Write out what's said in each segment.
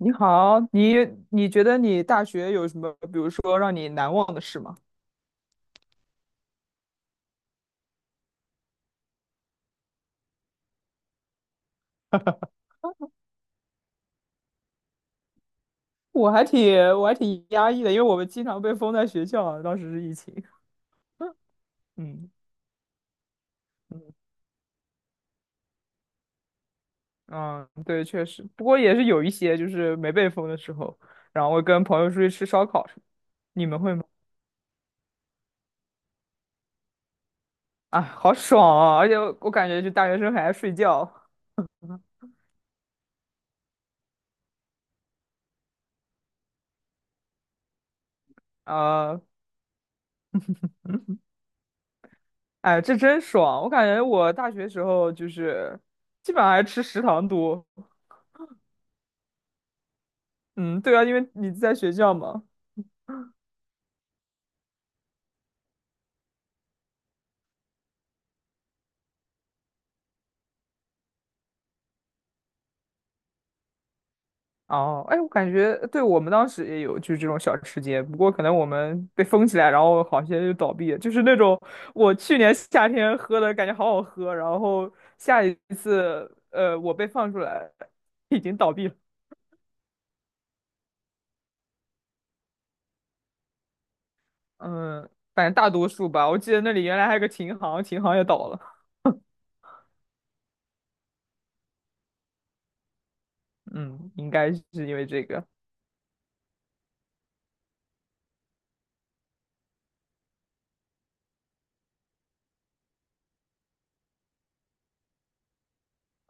你好，你觉得你大学有什么，比如说让你难忘的事吗？我还挺压抑的，因为我们经常被封在学校啊，当时是疫情。嗯嗯嗯，对，确实，不过也是有一些就是没被封的时候，然后会跟朋友出去吃烧烤什么。你们会吗？啊，好爽啊！而且我感觉就大学生还爱睡觉。啊，哎，这真爽！我感觉我大学时候就是基本上还吃食堂多。嗯，对啊，因为你在学校嘛。哦，哎，我感觉对我们当时也有就是这种小吃街，不过可能我们被封起来，然后好些就倒闭了，就是那种我去年夏天喝的感觉好好喝，然后下一次我被放出来已经倒闭了。嗯，反正大多数吧，我记得那里原来还有个琴行，琴行也倒了。嗯，应该是因为这个。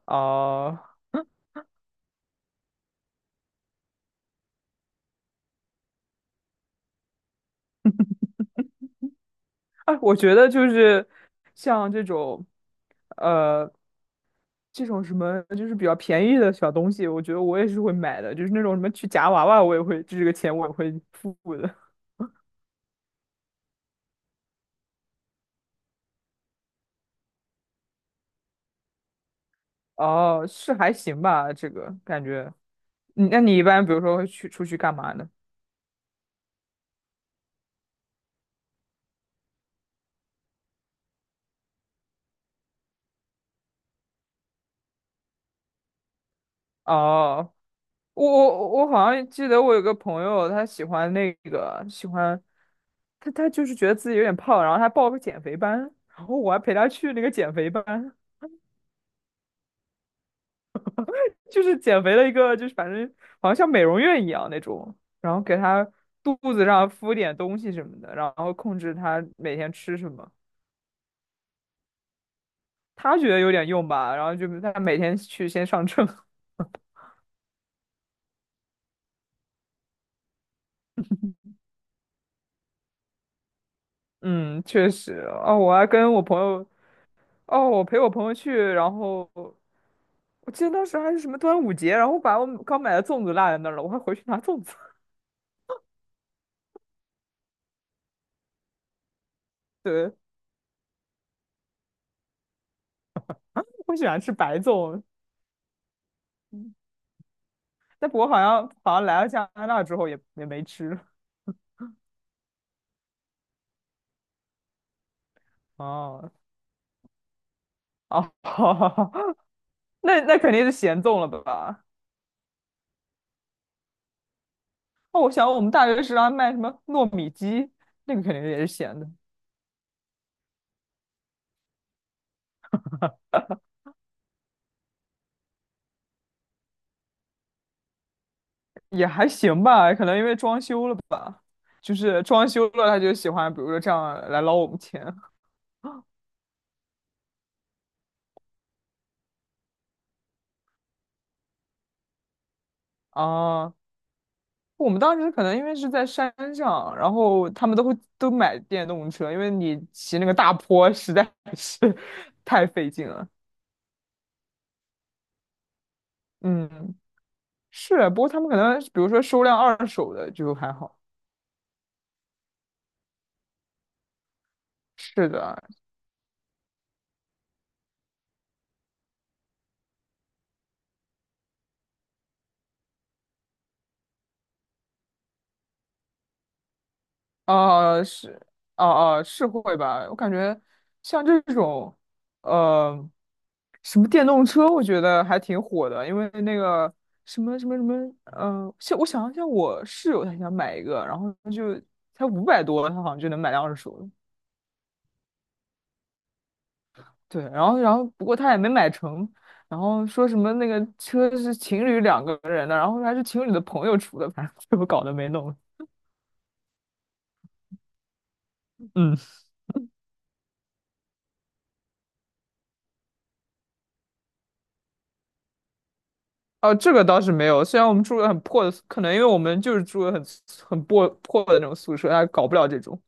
哦，哎，我觉得就是像这种，呃，这种什么就是比较便宜的小东西，我觉得我也是会买的，就是那种什么去夹娃娃，我也会，这个钱我也会付的。哦，是还行吧，这个感觉。那你一般比如说会去出去干嘛呢？哦，我好像记得我有个朋友，他喜欢那个喜欢，他就是觉得自己有点胖，然后他报个减肥班，然后我还陪他去那个减肥班。就是减肥的一个，就是反正好像像美容院一样那种，然后给他肚子上敷点东西什么的，然后控制他每天吃什么。他觉得有点用吧，然后就他每天去先上秤。嗯，确实。哦，我还跟我朋友，哦，我陪我朋友去，然后我记得当时还是什么端午节，然后把我刚买的粽子落在那儿了，我还回去拿粽子。对，我喜欢吃白粽，嗯，但不过好像来了加拿大之后也没吃。哦，哦，那肯定是咸粽了吧？哦，我想我们大学食堂卖什么糯米鸡，那个肯定也是咸的。也还行吧。可能因为装修了吧，就是装修了，他就喜欢，比如说这样来捞我们钱啊。我们当时可能因为是在山上，然后他们都会都买电动车，因为你骑那个大坡实在是 太费劲了。嗯，是，不过他们可能比如说收辆二手的就还好。是的，啊是，啊哦，是会吧？我感觉像这种，呃，什么电动车，我觉得还挺火的，因为那个什么什么什么，像我想像我室友他想买一个，然后就才500多，他好像就能买辆二手的。对，然后不过他也没买成，然后说什么那个车是情侣两个人的，然后还是情侣的朋友出的，反正 最后搞得没弄。嗯。哦，这个倒是没有。虽然我们住的很破的宿，可能因为我们就是住的很破破的那种宿舍，他搞不了这种。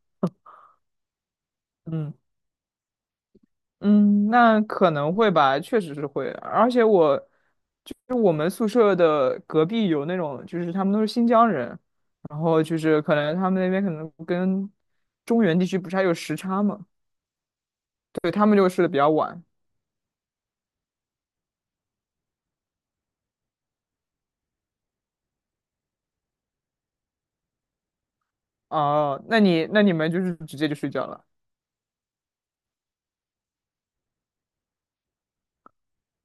嗯嗯，那可能会吧，确实是会。而且我就是我们宿舍的隔壁有那种，就是他们都是新疆人，然后就是可能他们那边可能跟中原地区不是还有时差嘛，对，他们就睡得比较晚。哦，那你们就是直接就睡觉了。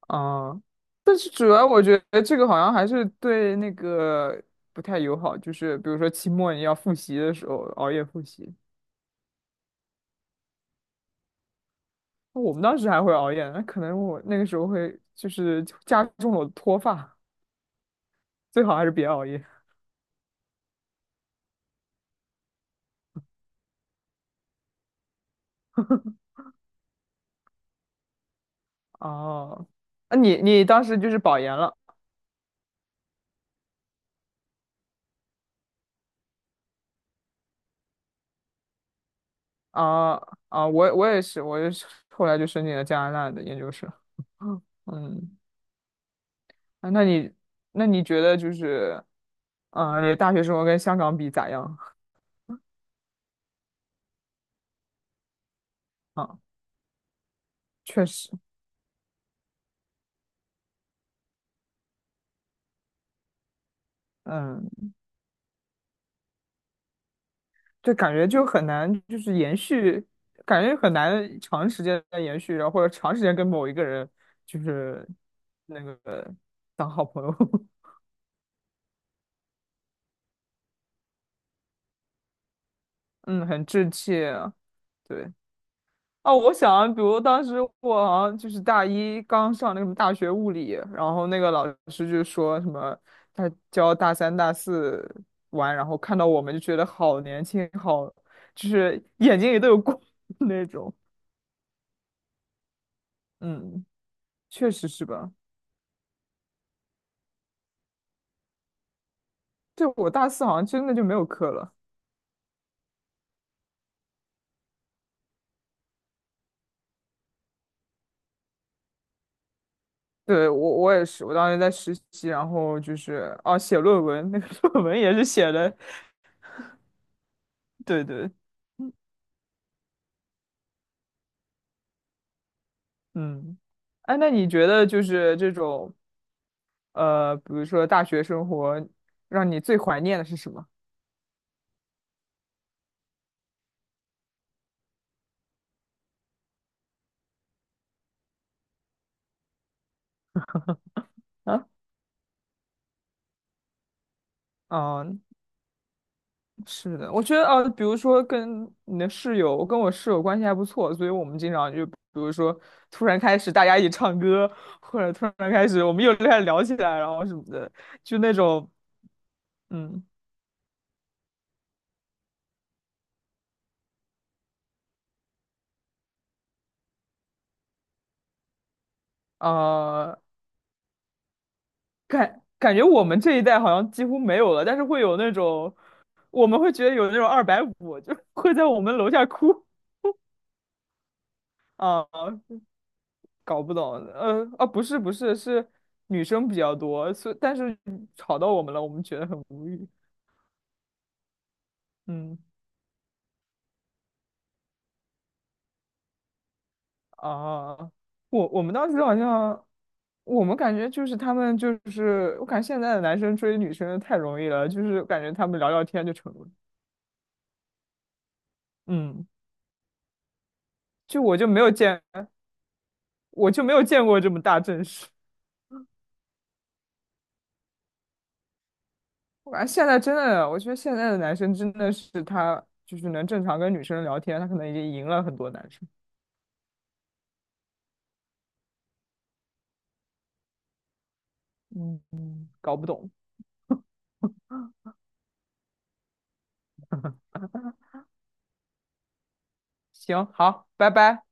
啊，但是主要我觉得这个好像还是对那个不太友好，就是比如说期末你要复习的时候熬夜复习，我们当时还会熬夜，那可能我那个时候会就是加重了我的脱发，最好还是别熬夜。哦，那你当时就是保研了啊？啊，我也是后来就申请了加拿大的研究生。哦嗯，啊那你觉得就是，啊，你的大学生活跟香港比咋样？啊？确实，嗯，就感觉就很难，就是延续，感觉很难长时间的延续，然后或者长时间跟某一个人就是那个当好朋友，嗯，很稚气啊。对，啊，我想，比如当时我好像就是大一刚上那个什么大学物理，然后那个老师就说什么，他教大三、大四玩，然后看到我们就觉得好年轻，好，就是眼睛里都有光 那种。嗯，确实是吧。对，我大四好像真的就没有课了。对，我也是，我当时在实习，然后就是哦写论文，那个 论文也是写的，对对，嗯，哎，那你觉得就是这种比如说大学生活，让你最怀念的是什么？啊？嗯，是的，我觉得啊，比如说跟你的室友，我跟我室友关系还不错，所以我们经常就比如说突然开始大家一起唱歌，或者突然开始我们又开始聊起来，然后什么的，就那种。嗯，呃，感觉我们这一代好像几乎没有了，但是会有那种，我们会觉得有那种二百五，就会在我们楼下哭啊，搞不懂，啊，不是不是，是女生比较多，所以但是吵到我们了，我们觉得很无语，嗯啊，我们当时好像，我们感觉就是他们就是，我感觉现在的男生追女生太容易了，就是感觉他们聊聊天就成了，嗯。就我就没有见，我就没有见过这么大阵势。我感觉现在真的，我觉得现在的男生真的是他就是能正常跟女生聊天，他可能已经赢了很多男生。嗯，搞不懂。行，好，拜拜。